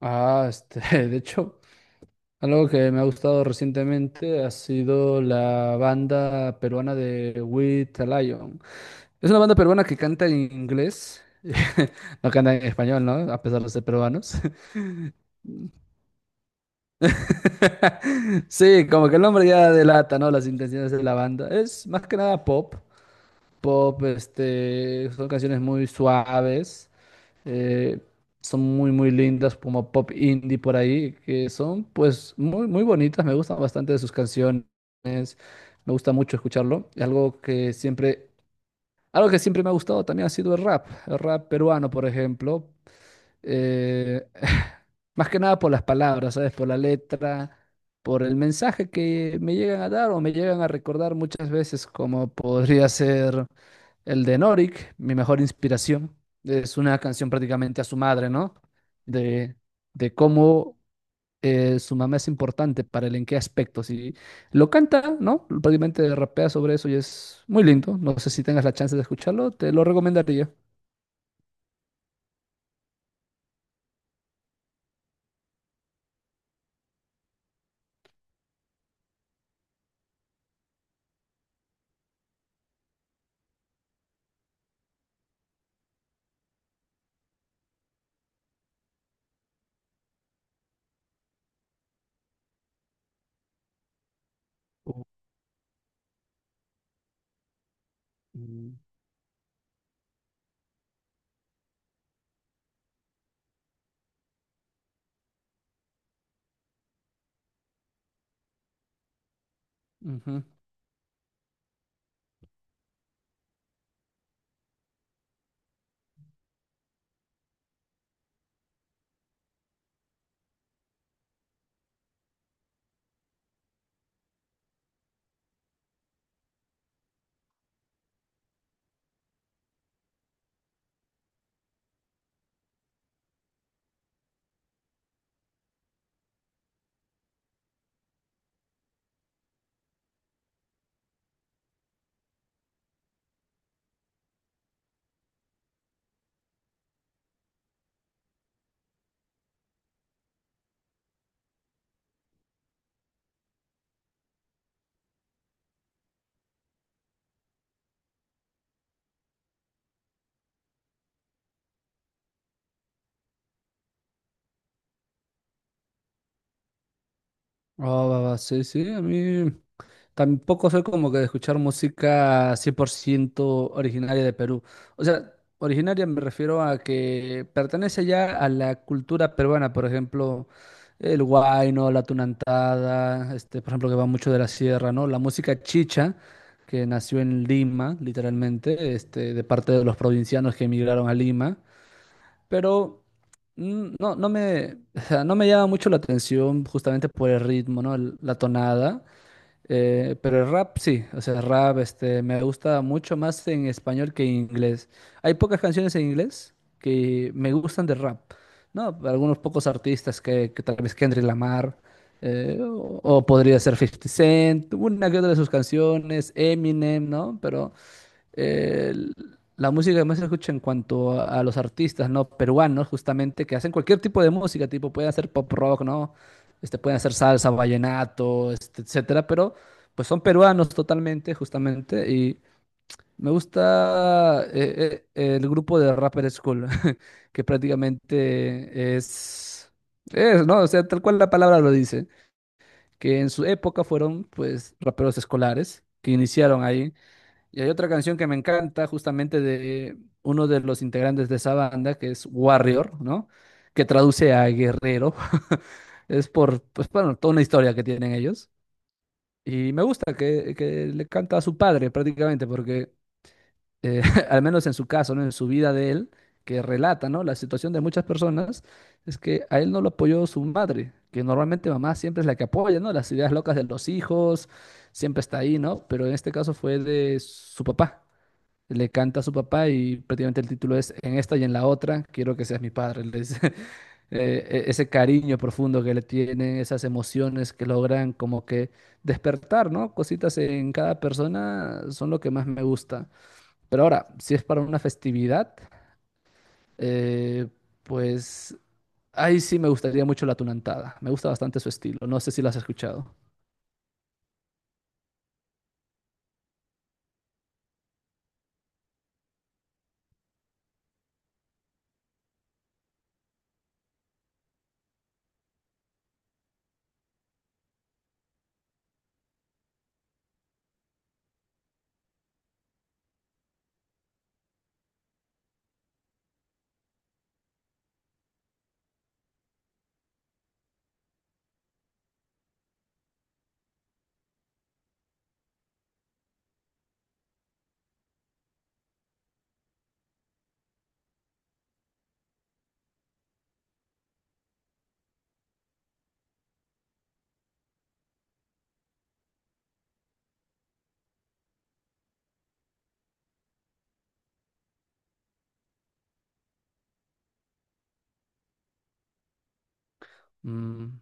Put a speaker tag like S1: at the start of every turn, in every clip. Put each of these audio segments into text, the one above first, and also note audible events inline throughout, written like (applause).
S1: Ah, este, (laughs) de hecho, algo que me ha gustado recientemente ha sido la banda peruana de With a Lion. Es una banda peruana que canta en inglés, (laughs) no canta en español, ¿no? A pesar de ser peruanos. (laughs) Sí, como que el nombre ya delata, ¿no? Las intenciones de la banda. Es más que nada pop, son canciones muy suaves. eh, son muy, muy lindas, como pop indie por ahí, que son pues muy, muy bonitas, me gustan bastante sus canciones, me gusta mucho escucharlo. Y algo que siempre me ha gustado también ha sido el rap peruano, por ejemplo eh, (laughs) más que nada por las palabras, ¿sabes? Por la letra, por el mensaje que me llegan a dar o me llegan a recordar muchas veces, como podría ser el de Norik, mi mejor inspiración. Es una canción prácticamente a su madre, ¿no? De, de cómo su mamá es importante para él, en qué aspectos. Y lo canta, ¿no? Prácticamente rapea sobre eso y es muy lindo. No sé si tengas la chance de escucharlo, te lo recomendaría. Oh, mm. Ujú. Ah, va, va, sí, sí, a mí tampoco soy como que de escuchar música 100% originaria de Perú. O sea, originaria me refiero a que pertenece ya a la cultura peruana, por ejemplo, el huayno, la tunantada, por ejemplo, que va mucho de la sierra, ¿no? La música chicha, que nació en Lima, literalmente, de parte de los provincianos que emigraron a Lima. Pero no, no me, (laughs) o sea, no me llama mucho la atención justamente por el ritmo, ¿no? La tonada. Pero el rap sí, o sea, el rap, me gusta mucho más en español que en inglés. Hay pocas canciones en inglés que me gustan de rap, ¿no? Algunos pocos artistas que tal vez Kendrick Lamar, o podría ser Fifty Cent, una que otra de sus canciones, Eminem, ¿no? Pero eh, la música que más se escucha en cuanto a los artistas, ¿no? Peruanos, justamente, que hacen cualquier tipo de música, tipo, pueden hacer pop rock, ¿no? Pueden hacer salsa, vallenato, este, etcétera, pero pues son peruanos totalmente, justamente, y me gusta el grupo de Rapper School, (laughs) que prácticamente es, ¿no? O sea, tal cual la palabra lo dice, que en su época fueron, pues, raperos escolares, que iniciaron ahí y hay otra canción que me encanta, justamente de uno de los integrantes de esa banda, que es Warrior, ¿no? Que traduce a guerrero. (laughs) Es por, pues bueno, toda una historia que tienen ellos. Y me gusta que le canta a su padre prácticamente, porque eh, (laughs) al menos en su caso, ¿no? En su vida de él, que relata, ¿no? La situación de muchas personas, es que a él no lo apoyó su madre, que normalmente mamá siempre es la que apoya, ¿no? Las ideas locas de los hijos, siempre está ahí, ¿no? Pero en este caso fue de su papá le canta a su papá y prácticamente el título es En esta y en la otra, quiero que seas mi padre. Le dice, (laughs) ese cariño profundo que le tienen, esas emociones que logran como que despertar, ¿no? Cositas en cada persona son lo que más me gusta. Pero ahora, si es para una festividad, eh, pues ahí sí me gustaría mucho la tunantada. Me gusta bastante su estilo. No sé si lo has escuchado. Mm.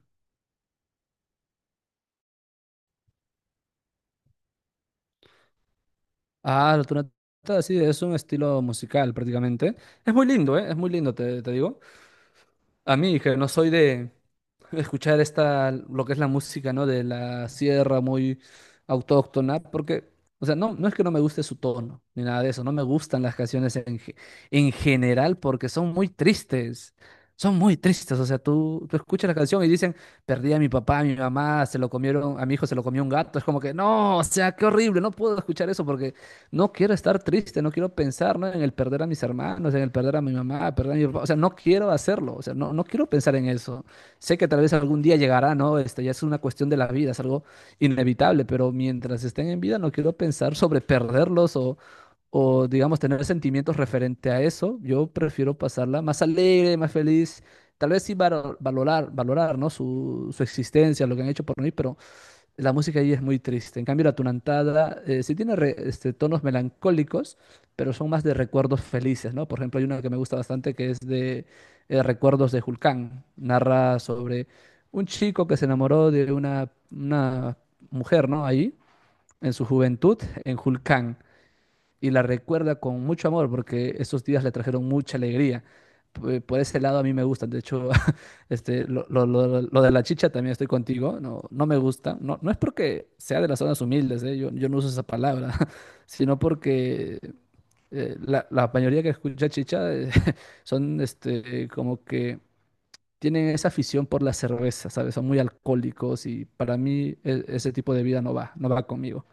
S1: Ah, la tunantada sí, es un estilo musical prácticamente. Es muy lindo, ¿eh? Es muy lindo, te digo. A mí, que no soy de, escuchar esta, lo que es la música, ¿no? De la sierra muy autóctona, porque, o sea, no, no es que no me guste su tono, ni nada de eso, no me gustan las canciones en, en general porque son muy tristes, o sea, tú escuchas la canción y dicen, perdí a mi papá, a mi mamá, se lo comieron, a mi hijo se lo comió un gato, es como que, no, o sea, qué horrible, no puedo escuchar eso porque no quiero estar triste, no quiero pensar, ¿no? En el perder a mis hermanos, en el perder a mi mamá, perder a mi papá, o sea, no quiero hacerlo, o sea, no, no quiero pensar en eso. Sé que tal vez algún día llegará, ¿no? Este ya es una cuestión de la vida, es algo inevitable, pero mientras estén en vida no quiero pensar sobre perderlos o digamos, tener sentimientos referente a eso. Yo prefiero pasarla más alegre, más feliz. Tal vez sí valorar, valorar, ¿no? Su existencia, lo que han hecho por mí, pero la música ahí es muy triste. En cambio, la tunantada sí tiene tonos melancólicos, pero son más de recuerdos felices, ¿no? Por ejemplo, hay una que me gusta bastante que es de Recuerdos de Julcán. Narra sobre un chico que se enamoró de una mujer, ¿no? Ahí, en su juventud, en Julcán y la recuerda con mucho amor porque esos días le trajeron mucha alegría. Por ese lado a mí me gustan. De hecho, (laughs) lo de la chicha también estoy contigo. No, no me gusta. No, no es porque sea de las zonas humildes, ¿eh? Yo no uso esa palabra, (laughs) sino porque la mayoría que escucha chicha (laughs) son como que tienen esa afición por la cerveza, ¿sabes? Son muy alcohólicos y para mí ese tipo de vida no va, no va conmigo.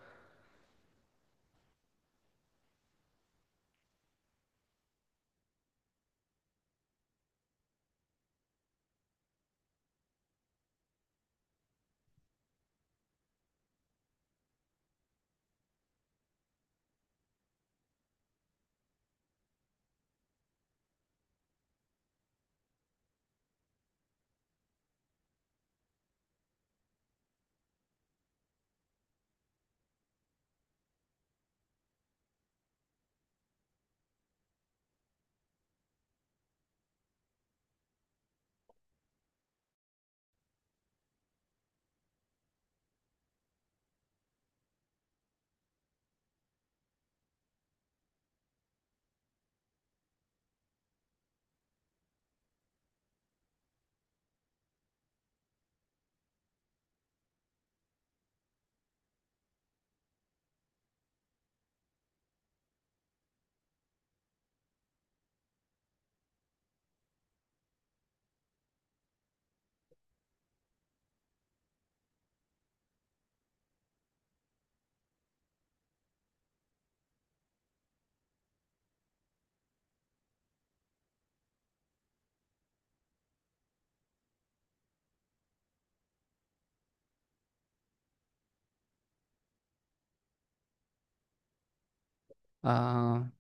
S1: Ah,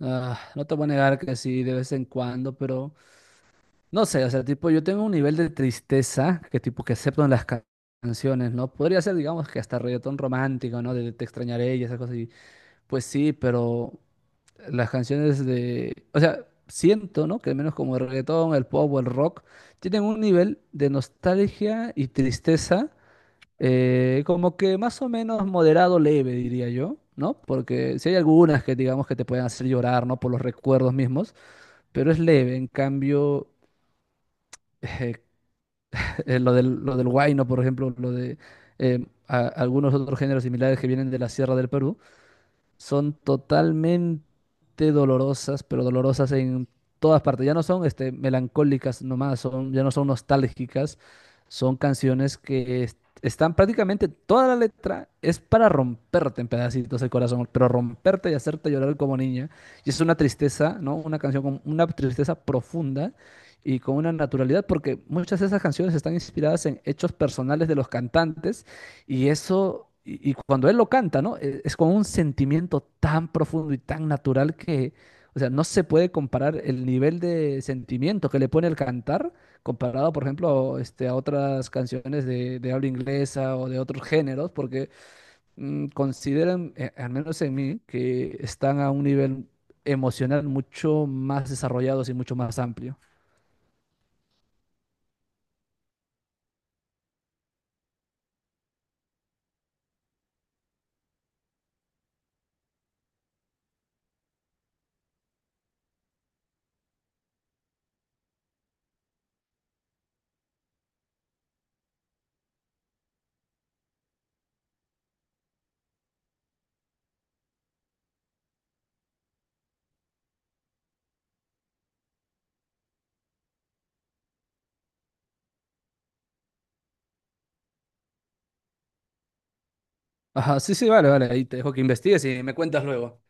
S1: Ah, no te voy a negar que sí, de vez en cuando, pero no sé, o sea, tipo, yo tengo un nivel de tristeza que tipo que acepto en las canciones, ¿no? Podría ser, digamos, que hasta reggaetón romántico, ¿no? De te extrañaré y esas cosas. Y, pues sí, pero las canciones de, o sea, siento, ¿no? Que al menos como el reggaetón, el pop o el rock, tienen un nivel de nostalgia y tristeza como que más o menos moderado leve, diría yo, ¿no? Porque si hay algunas que digamos que te pueden hacer llorar, ¿no? Por los recuerdos mismos, pero es leve. En cambio, (laughs) eh, lo del huayno, por ejemplo, lo de algunos otros géneros similares que vienen de la Sierra del Perú, son totalmente dolorosas, pero dolorosas en todas partes. Ya no son melancólicas nomás, ya no son nostálgicas, son canciones que están prácticamente toda la letra es para romperte en pedacitos el corazón, pero romperte y hacerte llorar como niña. Y es una tristeza, ¿no? Una canción con una tristeza profunda. Y con una naturalidad, porque muchas de esas canciones están inspiradas en hechos personales de los cantantes y eso, y cuando él lo canta, ¿no? Es, con un sentimiento tan profundo y tan natural que, o sea, no se puede comparar el nivel de sentimiento que le pone el cantar comparado, por ejemplo, a otras canciones de habla inglesa o de otros géneros, porque consideran, al menos en mí, que están a un nivel emocional mucho más desarrollados y mucho más amplio. Ajá, sí, sí, vale, vale, ahí te dejo que investigues y me cuentas luego.